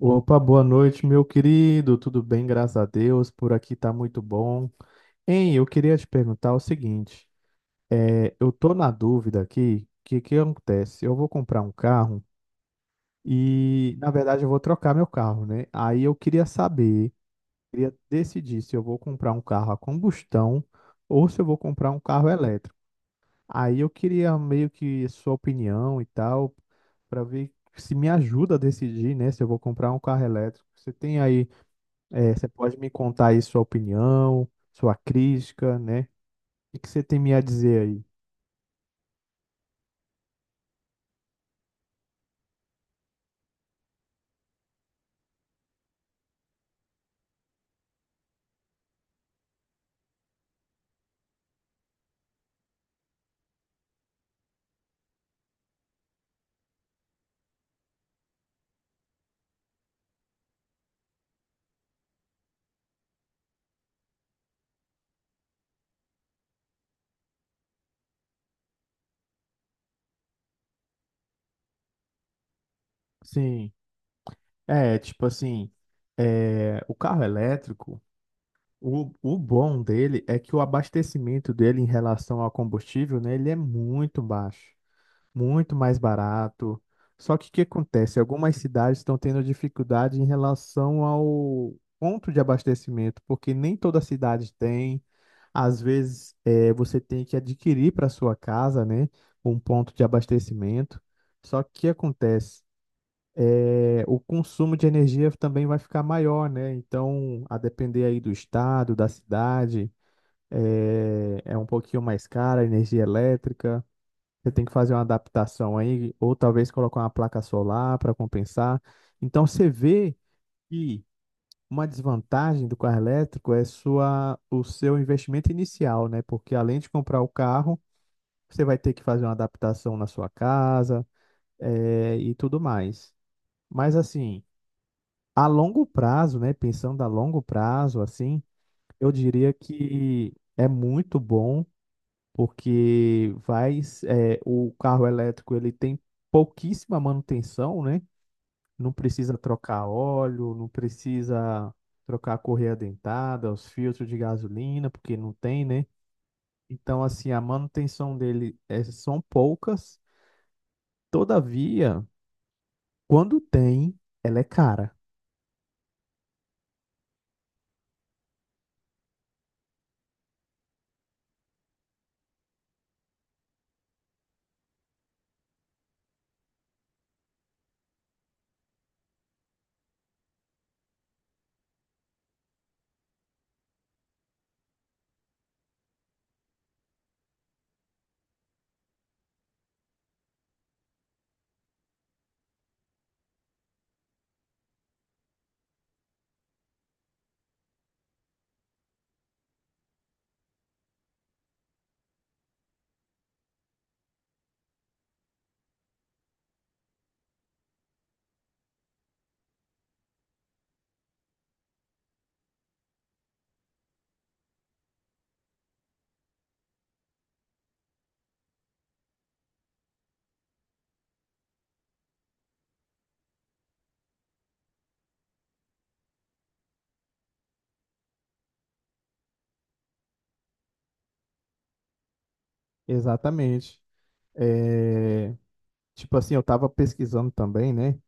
Opa, boa noite, meu querido. Tudo bem, graças a Deus. Por aqui tá muito bom. Hein, eu queria te perguntar o seguinte: eu tô na dúvida aqui, o que que acontece? Eu vou comprar um carro e, na verdade, eu vou trocar meu carro, né? Aí eu queria saber, queria decidir se eu vou comprar um carro a combustão ou se eu vou comprar um carro elétrico. Aí eu queria meio que sua opinião e tal, para ver se me ajuda a decidir, né, se eu vou comprar um carro elétrico. Você tem aí você pode me contar aí sua opinião, sua crítica, né? O que que você tem me a dizer aí? Sim, é, tipo assim, o carro elétrico, o bom dele é que o abastecimento dele em relação ao combustível, né, ele é muito baixo. Muito mais barato. Só que o que acontece? Algumas cidades estão tendo dificuldade em relação ao ponto de abastecimento, porque nem toda cidade tem. Às vezes, você tem que adquirir para sua casa, né, um ponto de abastecimento. Só que o que acontece? O consumo de energia também vai ficar maior, né? Então, a depender aí do estado, da cidade, é um pouquinho mais cara a energia elétrica. Você tem que fazer uma adaptação aí, ou talvez colocar uma placa solar para compensar. Então você vê que uma desvantagem do carro elétrico é sua, o seu investimento inicial, né? Porque além de comprar o carro, você vai ter que fazer uma adaptação na sua casa, e tudo mais. Mas assim, a longo prazo, né? Pensando a longo prazo, assim, eu diria que é muito bom porque vai, é, o carro elétrico ele tem pouquíssima manutenção, né? Não precisa trocar óleo, não precisa trocar a correia dentada, os filtros de gasolina, porque não tem, né? Então, assim, a manutenção dele é, são poucas. Todavia, quando tem, ela é cara. Exatamente. É, tipo assim, eu estava pesquisando também, né?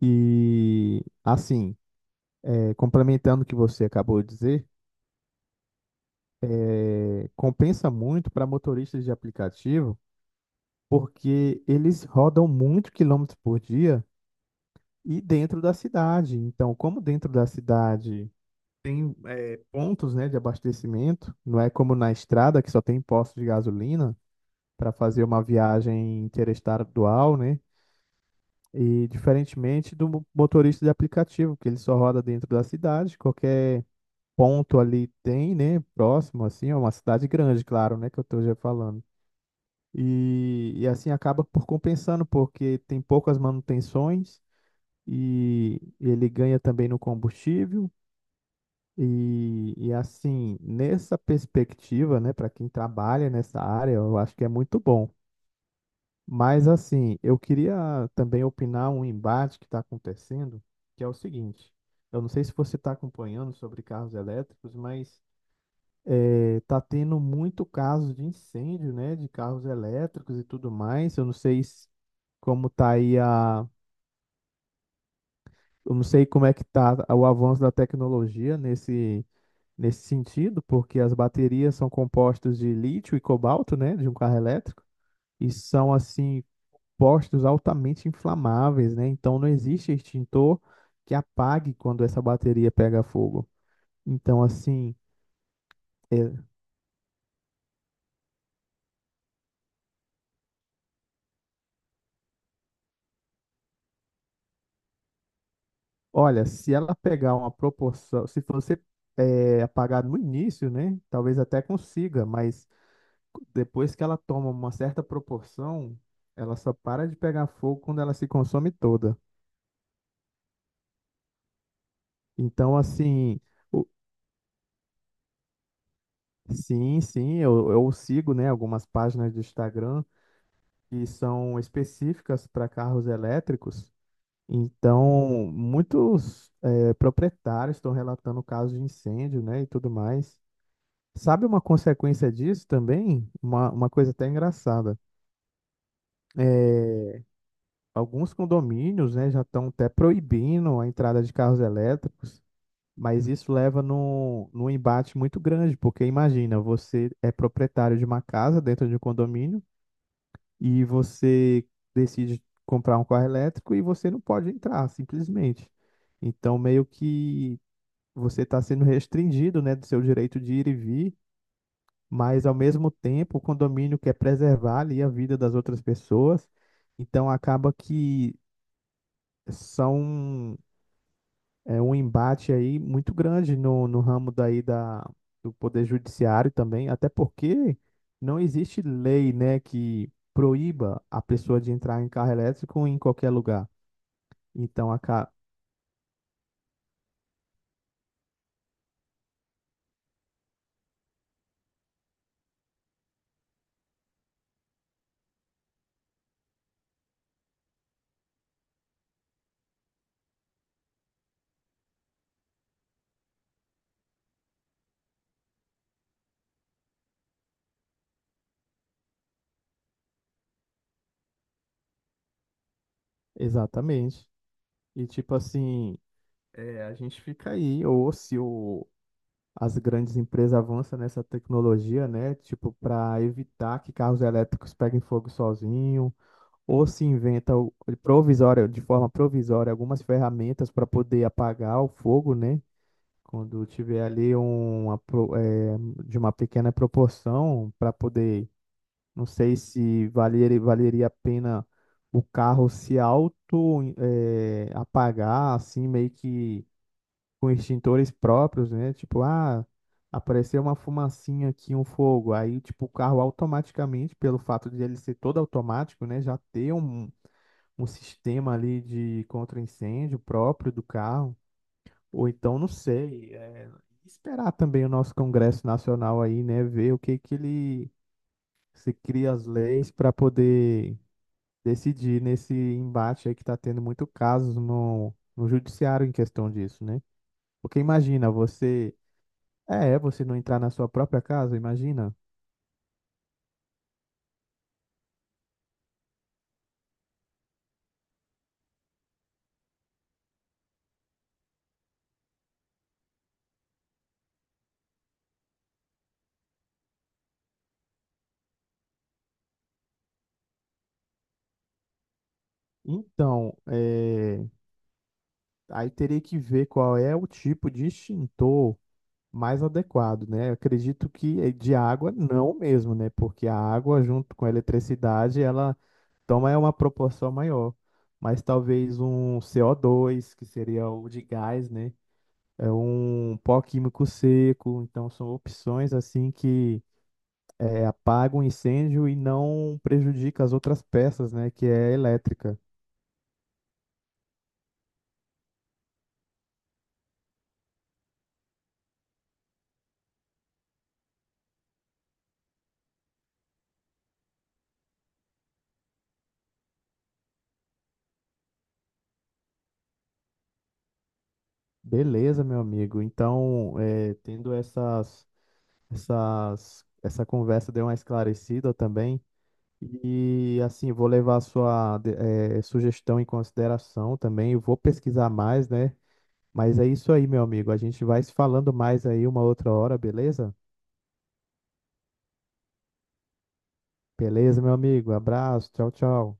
E assim, é, complementando o que você acabou de dizer, é, compensa muito para motoristas de aplicativo, porque eles rodam muito quilômetros por dia e dentro da cidade. Então, como dentro da cidade tem pontos, né, de abastecimento, não é como na estrada que só tem postos de gasolina para fazer uma viagem interestadual, né? E diferentemente do motorista de aplicativo, que ele só roda dentro da cidade, qualquer ponto ali tem, né, próximo assim, é uma cidade grande, claro, né, que eu estou já falando. E assim acaba por compensando, porque tem poucas manutenções e ele ganha também no combustível. E assim, nessa perspectiva, né, para quem trabalha nessa área, eu acho que é muito bom. Mas assim, eu queria também opinar um embate que está acontecendo, que é o seguinte: eu não sei se você está acompanhando sobre carros elétricos, mas tá tendo muito caso de incêndio, né, de carros elétricos e tudo mais. Eu não sei se como tá aí a, eu não sei como é que tá o avanço da tecnologia nesse nesse sentido, porque as baterias são compostas de lítio e cobalto, né, de um carro elétrico, e são assim postos altamente inflamáveis, né? Então não existe extintor que apague quando essa bateria pega fogo. Então assim, é, olha, se ela pegar uma proporção, se você apagar no início, né, talvez até consiga, mas depois que ela toma uma certa proporção, ela só para de pegar fogo quando ela se consome toda. Então, assim, o- sim, sim, eu sigo, né, algumas páginas do Instagram que são específicas para carros elétricos. Então, muitos proprietários estão relatando casos de incêndio, né, e tudo mais. Sabe uma consequência disso também? Uma coisa até engraçada. É, alguns condomínios, né, já estão até proibindo a entrada de carros elétricos, mas isso leva num embate muito grande, porque imagina, você é proprietário de uma casa dentro de um condomínio e você decide comprar um carro elétrico e você não pode entrar, simplesmente. Então, meio que você está sendo restringido, né, do seu direito de ir e vir, mas ao mesmo tempo o condomínio quer preservar ali a vida das outras pessoas, então acaba que são é um embate aí muito grande no ramo daí da, do Poder Judiciário também, até porque não existe lei, né, que proíba a pessoa de entrar em carro elétrico em qualquer lugar. Então, a ca... exatamente. E tipo assim, é, a gente fica aí, ou se o, as grandes empresas avançam nessa tecnologia, né, tipo, para evitar que carros elétricos peguem fogo sozinho ou se inventa provisória, de forma provisória, algumas ferramentas para poder apagar o fogo, né? Quando tiver ali uma, de uma pequena proporção para poder, não sei se valeria, valeria a pena o carro se auto apagar, assim, meio que com extintores próprios, né? Tipo, ah, apareceu uma fumacinha aqui, um fogo. Aí, tipo, o carro automaticamente, pelo fato de ele ser todo automático, né? Já ter um um sistema ali de contra-incêndio próprio do carro, ou então, não sei, é, esperar também o nosso Congresso Nacional aí, né, ver o que que ele se cria as leis para poder decidir nesse embate aí que está tendo muito casos no judiciário em questão disso, né? Porque imagina você, você não entrar na sua própria casa, imagina. Então, é, aí teria que ver qual é o tipo de extintor mais adequado, né? Eu acredito que de água não mesmo, né? Porque a água junto com a eletricidade, ela toma é uma proporção maior. Mas talvez um CO2, que seria o de gás, né? É um pó químico seco, então são opções assim que apagam o incêndio e não prejudica as outras peças, né? Que é a elétrica. Beleza, meu amigo. Então, essas, essa conversa deu uma esclarecida também. E assim, vou levar a sua sugestão em consideração também. Eu vou pesquisar mais, né? Mas é isso aí, meu amigo. A gente vai se falando mais aí uma outra hora, beleza? Beleza, meu amigo. Abraço. Tchau, tchau.